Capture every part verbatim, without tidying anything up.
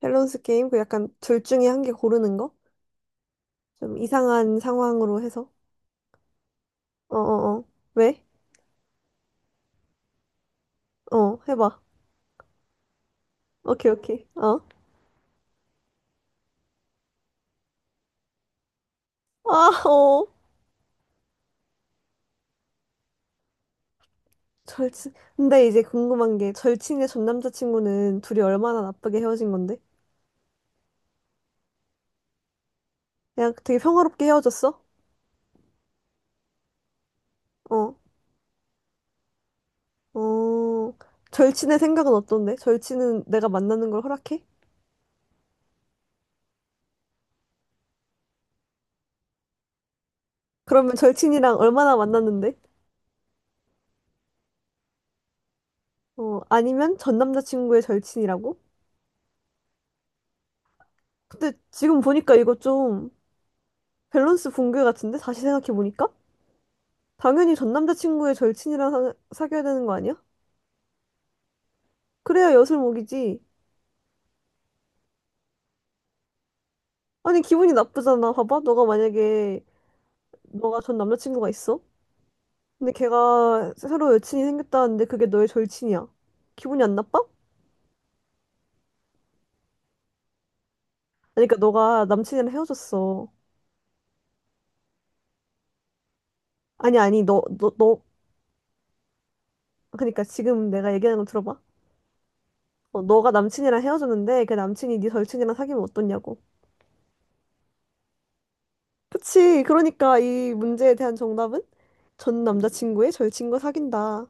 밸런스 게임? 그 약간 둘 중에 한 개 고르는 거? 좀 이상한 상황으로 해서. 어어어. 왜? 어, 해봐. 오케이, 오케이. 어. 아, 어. 절친. 근데 이제 궁금한 게 절친의 전 남자친구는 둘이 얼마나 나쁘게 헤어진 건데? 그냥 되게 평화롭게 헤어졌어? 어. 어. 절친의 생각은 어떤데? 절친은 내가 만나는 걸 허락해? 그러면 절친이랑 얼마나 만났는데? 어, 아니면 전 남자친구의 절친이라고? 근데 지금 보니까 이거 좀 밸런스 붕괴 같은데? 다시 생각해보니까? 당연히 전 남자친구의 절친이랑 사, 사귀어야 되는 거 아니야? 그래야 엿을 먹이지. 아니, 기분이 나쁘잖아. 봐봐. 너가 만약에, 너가 전 남자친구가 있어? 근데 걔가 새로 여친이 생겼다는데 그게 너의 절친이야. 기분이 안 나빠? 아니, 그러니까 너가 남친이랑 헤어졌어. 아니, 아니, 너, 너, 너. 그러니까 지금 내가 얘기하는 거 들어봐. 어, 너가 남친이랑 헤어졌는데 걔 남친이 네 절친이랑 사귀면 어떻냐고. 그치. 그러니까 이 문제에 대한 정답은 전 남자친구의 절친과 사귄다.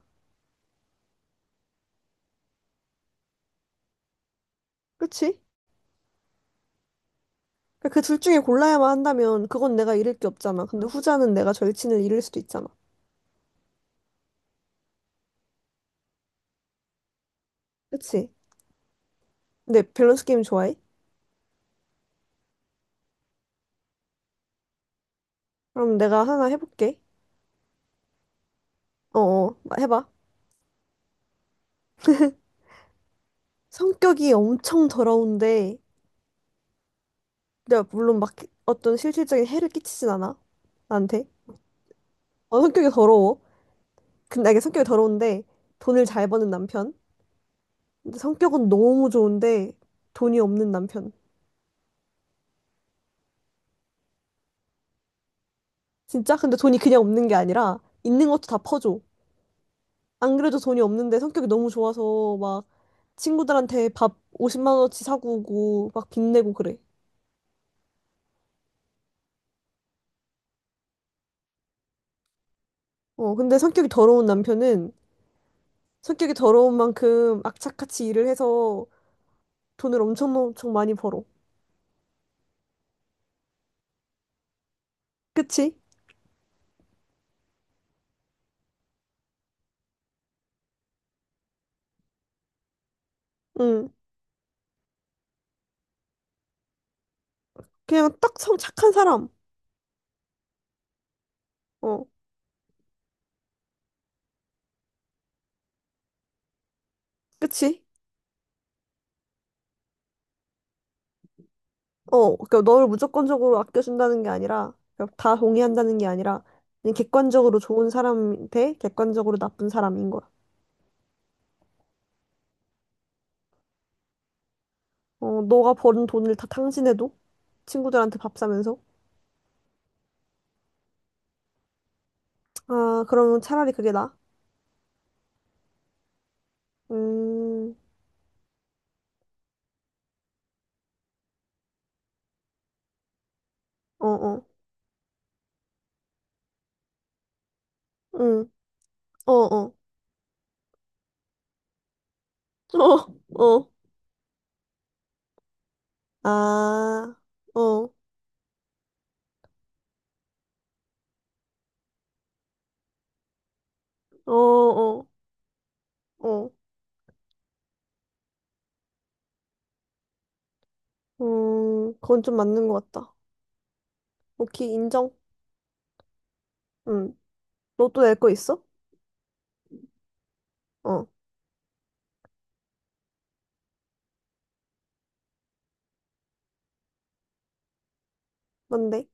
그치? 그러니까 그둘 중에 골라야만 한다면 그건 내가 잃을 게 없잖아. 근데 후자는 내가 절친을 잃을 수도 있잖아. 그치? 근데 밸런스 게임 좋아해? 그럼 내가 하나 해볼게. 어어, 해봐. 성격이 엄청 더러운데, 내가 물론 막 어떤 실질적인 해를 끼치진 않아. 나한테. 어, 성격이 더러워. 근데 이게 성격이 더러운데 돈을 잘 버는 남편. 근데 성격은 너무 좋은데 돈이 없는 남편. 진짜? 근데 돈이 그냥 없는 게 아니라 있는 것도 다 퍼줘. 안 그래도 돈이 없는데 성격이 너무 좋아서 막 친구들한테 밥 오십만 원어치 사고 오고 막 빚내고 그래. 어, 근데 성격이 더러운 남편은 성격이 더러운 만큼 악착같이 일을 해서 돈을 엄청 엄청 많이 벌어. 그치? 응. 그냥 딱 성 착한 사람. 어, 그치? 어, 그러니까 너를 무조건적으로 아껴준다는 게 아니라 그러니까 다 동의한다는 게 아니라 그냥 객관적으로 좋은 사람 대 객관적으로 나쁜 사람인 거야. 어, 너가 버는 돈을 다 탕진해도? 친구들한테 밥 사면서? 아, 그러면 차라리 그게 나아? 음, 어, 어, 응, 어, 어, 어, 어, 어. 아, 어, 어, 어, 어, 음, 그건 좀 맞는 것 같다. 오케이, 인정. 응, 너 또 낼 거 있어? 어, 뭔데?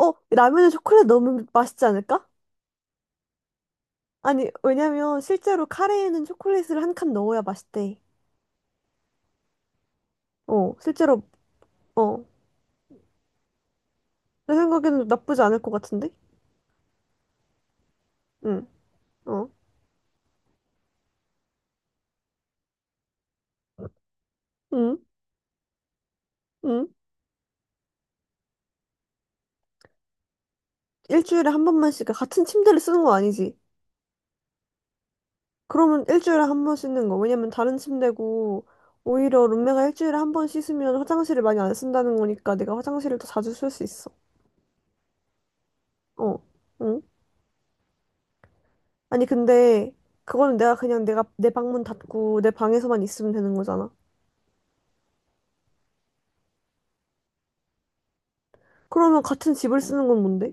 어, 라면에 초콜릿 넣으면 맛있지 않을까? 아니, 왜냐면 실제로 카레에는 초콜릿을 한 칸 넣어야 맛있대. 어, 실제로, 어, 내 생각에는 나쁘지 않을 것 같은데? 응. 어, 응, 응. 일주일에 한 번만씩 그러니까 같은 침대를 쓰는 거 아니지? 그러면 일주일에 한 번 씻는 거. 왜냐면 다른 침대고 오히려 룸메가 일주일에 한 번 씻으면 화장실을 많이 안 쓴다는 거니까 내가 화장실을 더 자주 쓸 수 있어. 어, 응. 아니 근데 그거는 내가 그냥 내가 내 방문 닫고 내 방에서만 있으면 되는 거잖아. 그러면 같은 집을 쓰는 건 뭔데?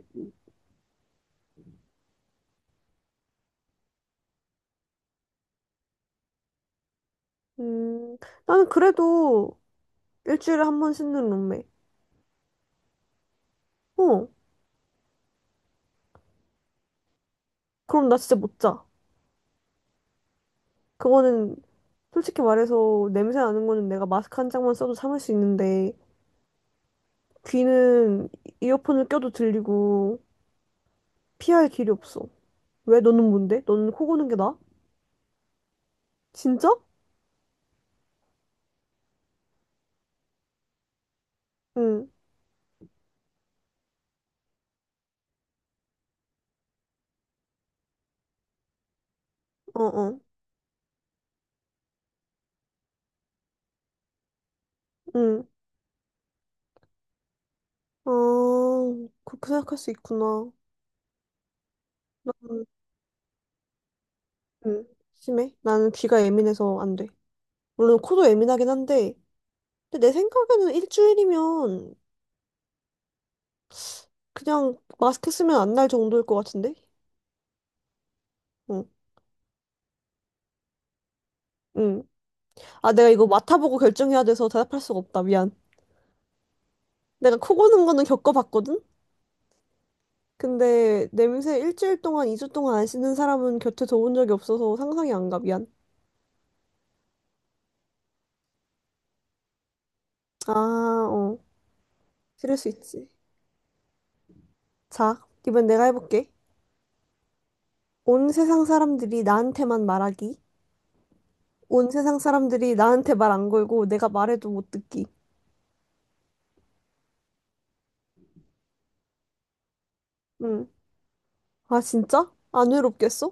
음, 나는 그래도 일주일에 한 번 씻는 룸메. 어, 그럼 나 진짜 못 자. 그거는 솔직히 말해서 냄새 나는 거는 내가 마스크 한 장만 써도 참을 수 있는데 귀는 이어폰을 껴도 들리고 피할 길이 없어. 왜 너는 뭔데? 너는 코 고는 게 나아? 진짜? 응. 어, 어. 응. 아, 그렇게 생각할 수 있구나. 나는 응. 심해. 나는 귀가 예민해서 안 돼. 물론 코도 예민하긴 한데 근데 내 생각에는 일주일이면 그냥 마스크 쓰면 안 날 정도일 것 같은데? 응. 응. 아, 내가 이거 맡아보고 결정해야 돼서 대답할 수가 없다. 미안. 내가 코 고는 거는 겪어봤거든? 근데 냄새 일주일 동안, 이 주 동안 안 씻는 사람은 곁에 둬본 적이 없어서 상상이 안 가. 미안. 아, 어. 그럴 수 있지. 자, 이번 내가 해볼게. 온 세상 사람들이 나한테만 말하기. 온 세상 사람들이 나한테 말 안 걸고 내가 말해도 못 듣기. 응. 아, 진짜? 안 외롭겠어?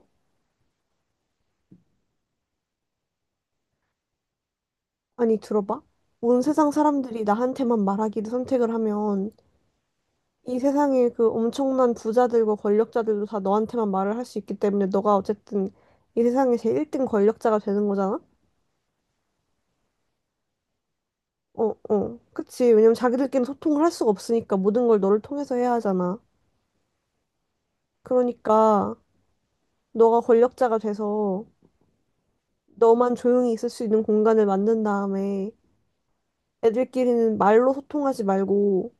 아니, 들어봐. 온 세상 사람들이 나한테만 말하기를 선택을 하면 이 세상에 그 엄청난 부자들과 권력자들도 다 너한테만 말을 할 수 있기 때문에 너가 어쨌든 이 세상의 제일 일 등 권력자가 되는 거잖아? 어, 어. 그치. 왜냐면 자기들끼리 소통을 할 수가 없으니까 모든 걸 너를 통해서 해야 하잖아. 그러니까 너가 권력자가 돼서 너만 조용히 있을 수 있는 공간을 만든 다음에 애들끼리는 말로 소통하지 말고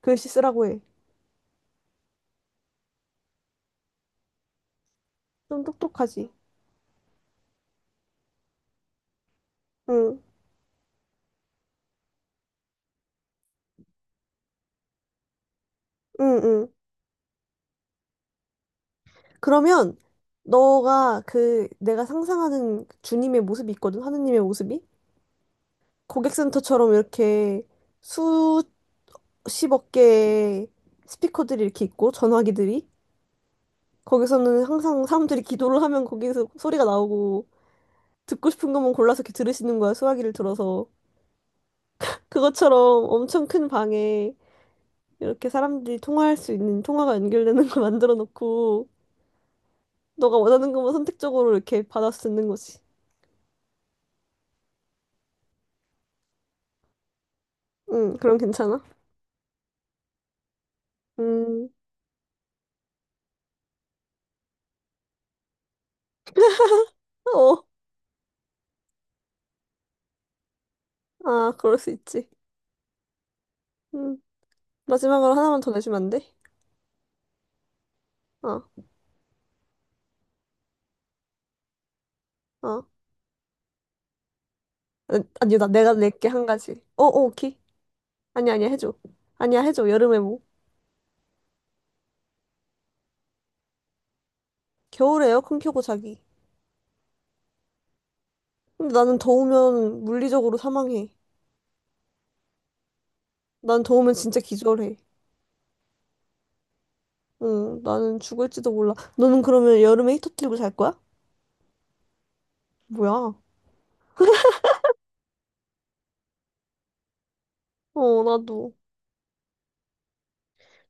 글씨 쓰라고 해. 좀 똑똑하지? 응, 응, 응. 그러면 너가 그 내가 상상하는 주님의 모습이 있거든, 하느님의 모습이? 고객센터처럼 이렇게 수십억 개의 스피커들이 이렇게 있고, 전화기들이. 거기서는 항상 사람들이 기도를 하면 거기서 소리가 나오고, 듣고 싶은 것만 골라서 이렇게 들으시는 거야, 수화기를 들어서. 그것처럼 엄청 큰 방에 이렇게 사람들이 통화할 수 있는 통화가 연결되는 걸 만들어 놓고, 너가 원하는 것만 선택적으로 이렇게 받아 쓰는 거지. 응, 그럼 괜찮아? 음. 어, 아, 그럴 수 있지. 음, 마지막으로 하나만 더 내주면 안 돼? 어, 어. 아, 아니, 나 내가 낼게, 한 가지. 어, 어, 오케이. 아니야, 아니야, 해줘. 아니야, 해줘. 여름에 뭐. 겨울에 에어컨 켜고 자기. 근데 나는 더우면 물리적으로 사망해. 난 더우면 진짜 기절해. 응, 나는 죽을지도 몰라. 너는 그러면 여름에 히터 틀고 잘 거야? 뭐야? 어, 나도.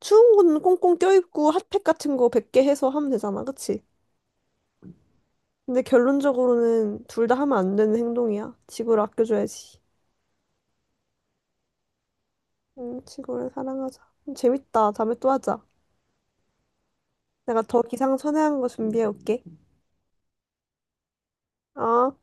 추운 건 꽁꽁 껴입고 핫팩 같은 거 백 개 해서 하면 되잖아, 그치? 근데 결론적으로는 둘 다 하면 안 되는 행동이야. 지구를 아껴줘야지. 응, 지구를 사랑하자. 재밌다. 다음에 또 하자. 내가 더 기상천외한 거 준비해 올게. 어?